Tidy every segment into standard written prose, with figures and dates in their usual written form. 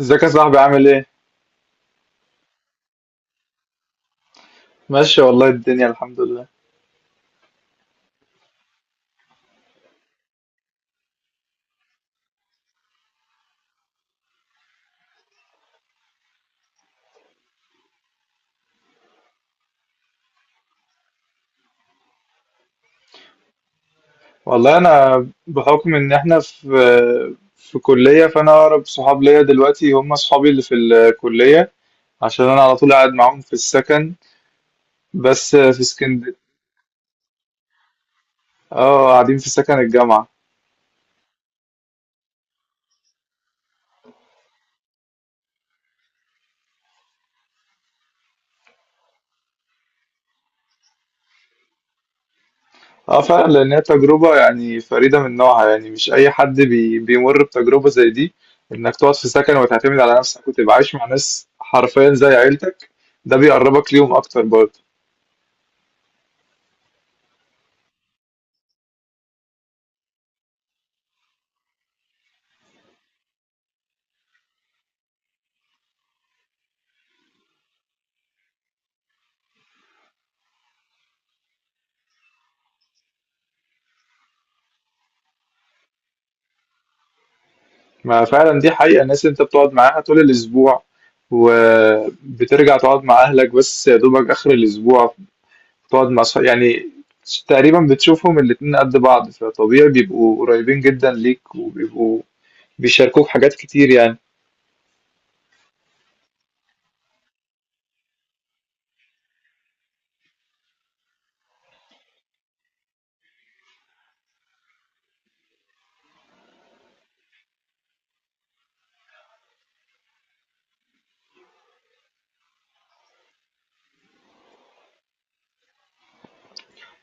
ازيك يا صاحبي عامل ايه؟ ماشي والله الدنيا الحمد لله. والله انا بحكم ان احنا في في كلية، فانا اقرب صحاب ليا دلوقتي هم صحابي اللي في الكلية، عشان انا على طول قاعد معاهم في السكن، بس في اسكندرية. اه قاعدين في سكن الجامعة. اه فعلا، لان هي تجربة فريدة من نوعها، مش اي حد بيمر بتجربة زي دي، انك تقعد في سكن وتعتمد على نفسك وتبقى عايش مع ناس حرفيا زي عيلتك. ده بيقربك ليهم اكتر برضه. ما فعلا دي حقيقة، الناس اللي انت بتقعد معاها طول الأسبوع وبترجع تقعد مع أهلك بس يا دوبك آخر الأسبوع، تقعد مع يعني تقريبا بتشوفهم الاتنين قد بعض، فطبيعي بيبقوا قريبين جدا ليك وبيبقوا بيشاركوك حاجات كتير يعني.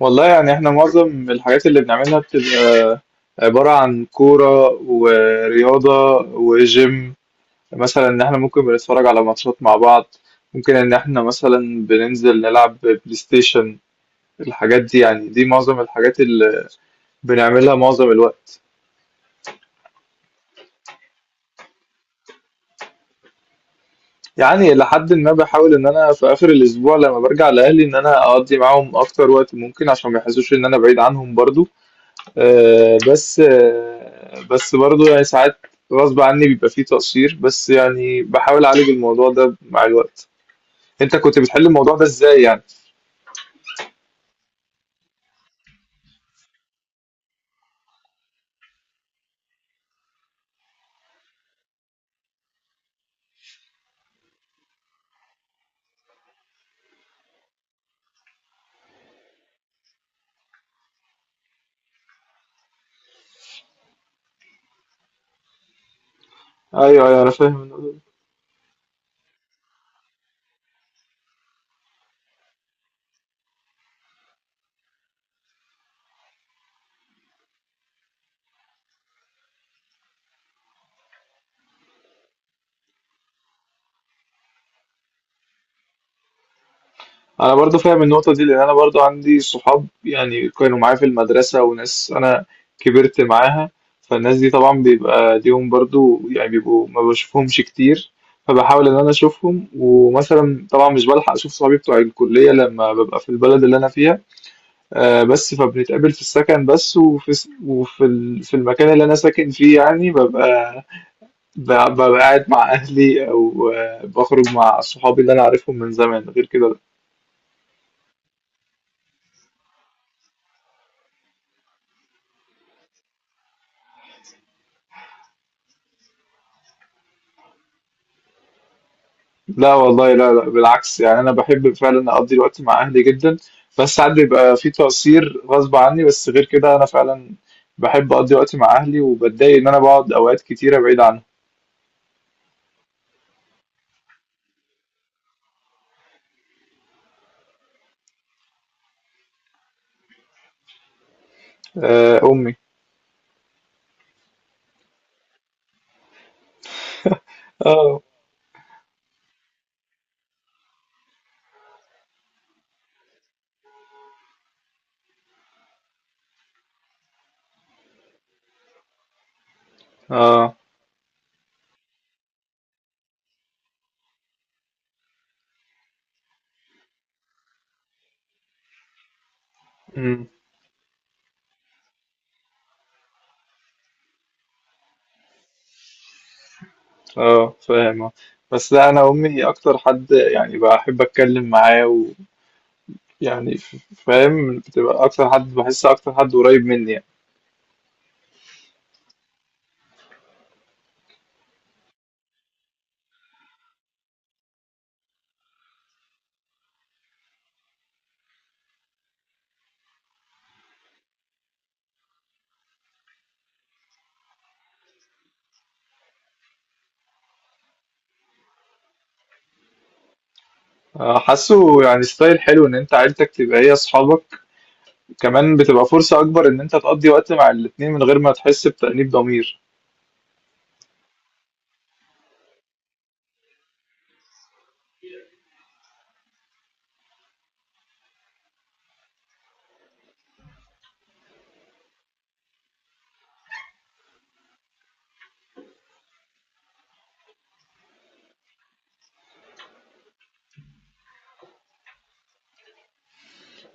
والله يعني احنا معظم الحاجات اللي بنعملها بتبقى عبارة عن كورة ورياضة وجيم، مثلا ان احنا ممكن بنتفرج على ماتشات مع بعض، ممكن ان احنا مثلا بننزل نلعب بلاي ستيشن. الحاجات دي يعني دي معظم الحاجات اللي بنعملها معظم الوقت. يعني لحد ما بحاول ان انا في اخر الاسبوع لما برجع لاهلي ان انا اقضي معاهم اكتر وقت ممكن، عشان ما يحسوش ان انا بعيد عنهم برضو. بس بس برضو يعني ساعات غصب عني بيبقى فيه تقصير، بس يعني بحاول اعالج الموضوع ده مع الوقت. انت كنت بتحل الموضوع ده ازاي يعني؟ ايوه ايوه انا فاهم. انا برضو فاهم النقطه دي، لان انا برضو عندي صحاب يعني كانوا معايا في المدرسه وناس انا كبرت معاها، فالناس دي طبعا بيبقى ليهم برضو يعني، بيبقوا ما بشوفهمش كتير، فبحاول ان انا اشوفهم. ومثلا طبعا مش بلحق اشوف صحابي بتوع الكليه لما ببقى في البلد اللي انا فيها، بس فبنتقابل في السكن بس. وفي س- وفي ال- في المكان اللي انا ساكن فيه يعني ببقى ببقى قاعد مع اهلي او بخرج مع صحابي اللي انا عارفهم من زمان غير كده. لا والله، لا لا، بالعكس، يعني انا بحب فعلا اقضي الوقت مع اهلي جدا، بس ساعات بيبقى في تقصير غصب عني، بس غير كده انا فعلا بحب اقضي وقت مع اهلي، وبتضايق ان انا بقعد اوقات كتيره بعيد عنهم. آه، امي. اه. اه. امم. اه فاهم آه. بس لا، انا امي اكتر حد يعني بحب اتكلم معاه، ويعني ف- فاهم، بتبقى اكتر حد، بحس اكتر حد قريب مني يعني. آه، حاسه يعني ستايل حلو ان انت عيلتك تبقى هي اصحابك، كمان بتبقى فرصة أكبر إن أنت تقضي وقت مع الاتنين من غير ما تحس بتأنيب ضمير.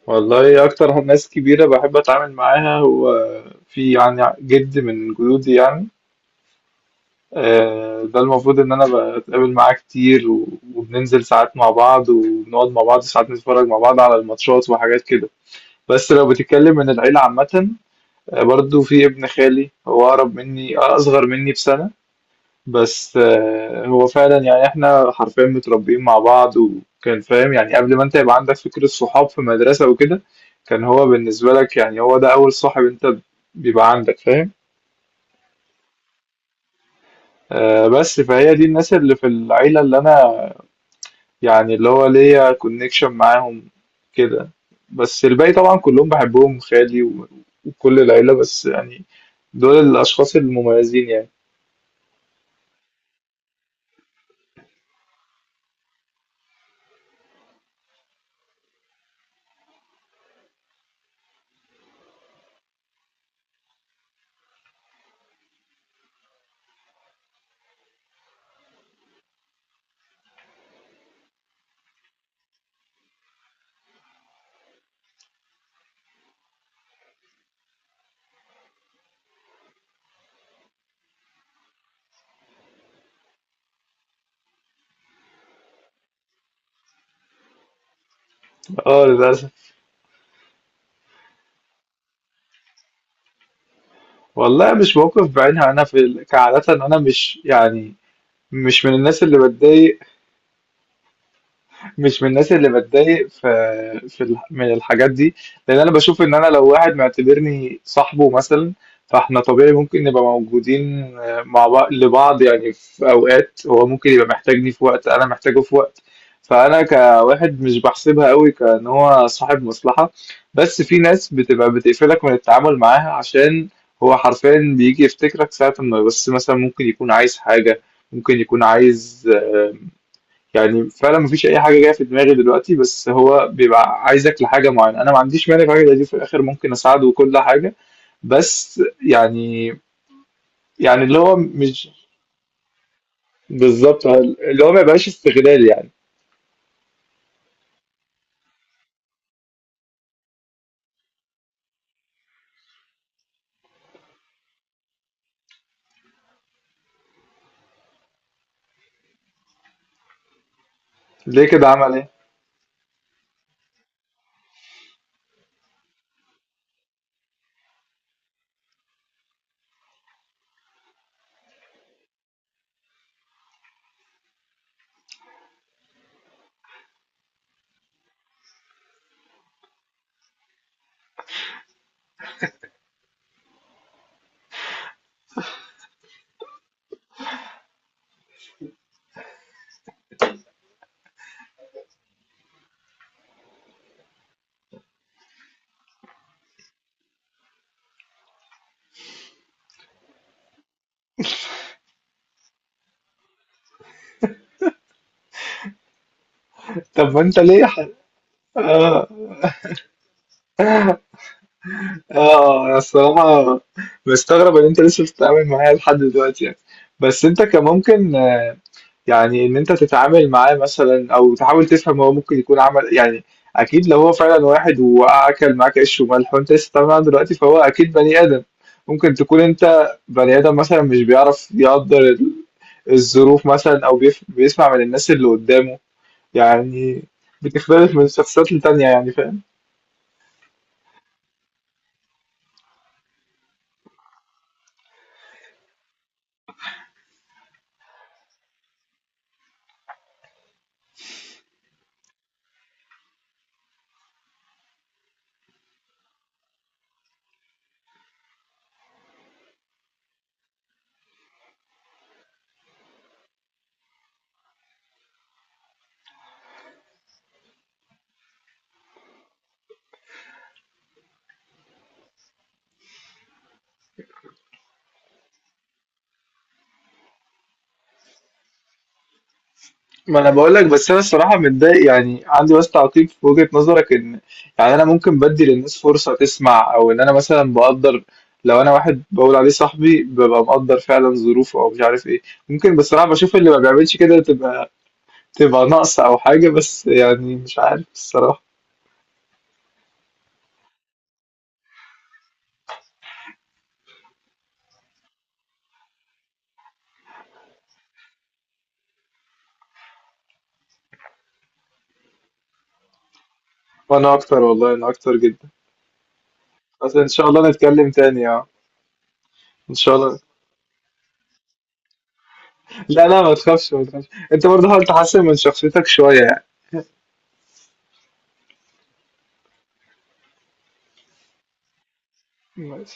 والله أكتر ناس كبيرة بحب أتعامل معاها، هو في يعني جد من جدودي يعني، آه، ده المفروض إن أنا بتقابل معاه كتير وبننزل ساعات مع بعض، وبنقعد مع بعض ساعات نتفرج مع بعض على الماتشات وحاجات كده. بس لو بتتكلم من العيلة عامة، آه، برضو في ابن خالي، هو أقرب مني، أصغر مني بسنة، بس آه، هو فعلا يعني احنا حرفيا متربيين مع بعض، وكان فاهم يعني، قبل ما انت يبقى عندك فكرة صحاب في مدرسة وكده، كان هو بالنسبة لك يعني هو ده أول صاحب انت بيبقى عندك، فاهم؟ آه، بس فهي دي الناس اللي في العيلة اللي أنا يعني اللي هو ليا كونكشن معاهم كده. بس الباقي طبعا كلهم بحبهم، خالي وكل العيلة، بس يعني دول الأشخاص المميزين يعني. اه للأسف. والله مش موقف بعينها، أنا كعادة أنا مش مش من الناس اللي بتضايق، مش من الناس اللي بتضايق في من الحاجات دي، لان انا بشوف ان انا لو واحد معتبرني صاحبه مثلا، فاحنا طبيعي ممكن نبقى موجودين مع بعض لبعض يعني، في اوقات هو ممكن يبقى محتاجني، في وقت انا محتاجه في وقت، فانا كواحد مش بحسبها قوي كان هو صاحب مصلحة. بس في ناس بتبقى بتقفلك من التعامل معاها، عشان هو حرفيا بيجي يفتكرك ساعة ما بس مثلا ممكن يكون عايز حاجة، ممكن يكون عايز يعني، فعلًا ما فيش أي حاجة جاية في دماغي دلوقتي، بس هو بيبقى عايزك لحاجة معيّنة، أنا ما عنديش مانع في حاجة زي دي، في الآخر ممكن أساعده وكل حاجة، بس يعني، يعني اللي هو مش بالضبط آه، اللي هو ما يبقاش استغلال يعني. ليه كده، عمل إيه؟ طب ما أنت ليه آه، آه، أنا الصراحة مستغرب إن أنت لسه بتتعامل معايا لحد دلوقتي يعني، بس أنت كان ممكن يعني إن أنت تتعامل معاه مثلًا أو تحاول تفهم هو ممكن يكون عمل يعني، أكيد لو هو فعلًا واحد وأكل معاك عيش وملح وأنت لسه بتتعامل معاه دلوقتي، فهو أكيد بني آدم، ممكن تكون أنت بني آدم مثلًا مش بيعرف يقدّر الظروف مثلًا، أو بيسمع من الناس اللي قدّامه، يعني بتختلف من شخصيات لتانية يعني، فاهم؟ ما أنا باقول لك، بس أنا الصراحة متضايق يعني، عندي بس تعقيب في وجهة نظرك، إن يعني أنا ممكن بادّي للناس فرصة تسمع، أو إن أنا مثلًا باقدّر، لو أنا واحد باقول عليه صاحبي بابقى مقدّر فعلًا ظروفه أو مش عارف إيه، ممكن بصراحة باشوف اللي ما بيعملش كده تبقى تبقى ناقصة أو حاجة، بس يعني مش عارف الصراحة. وأنا أكتر، والله أنا أكتر جدًا. بس إن شاء الله نتكلّم تاني آه. إن شاء الله. لا، لا ما تخافش، ما تخافش، أنت برضه حاول تحسّن من شخصيتك شوية يعني. ماشي.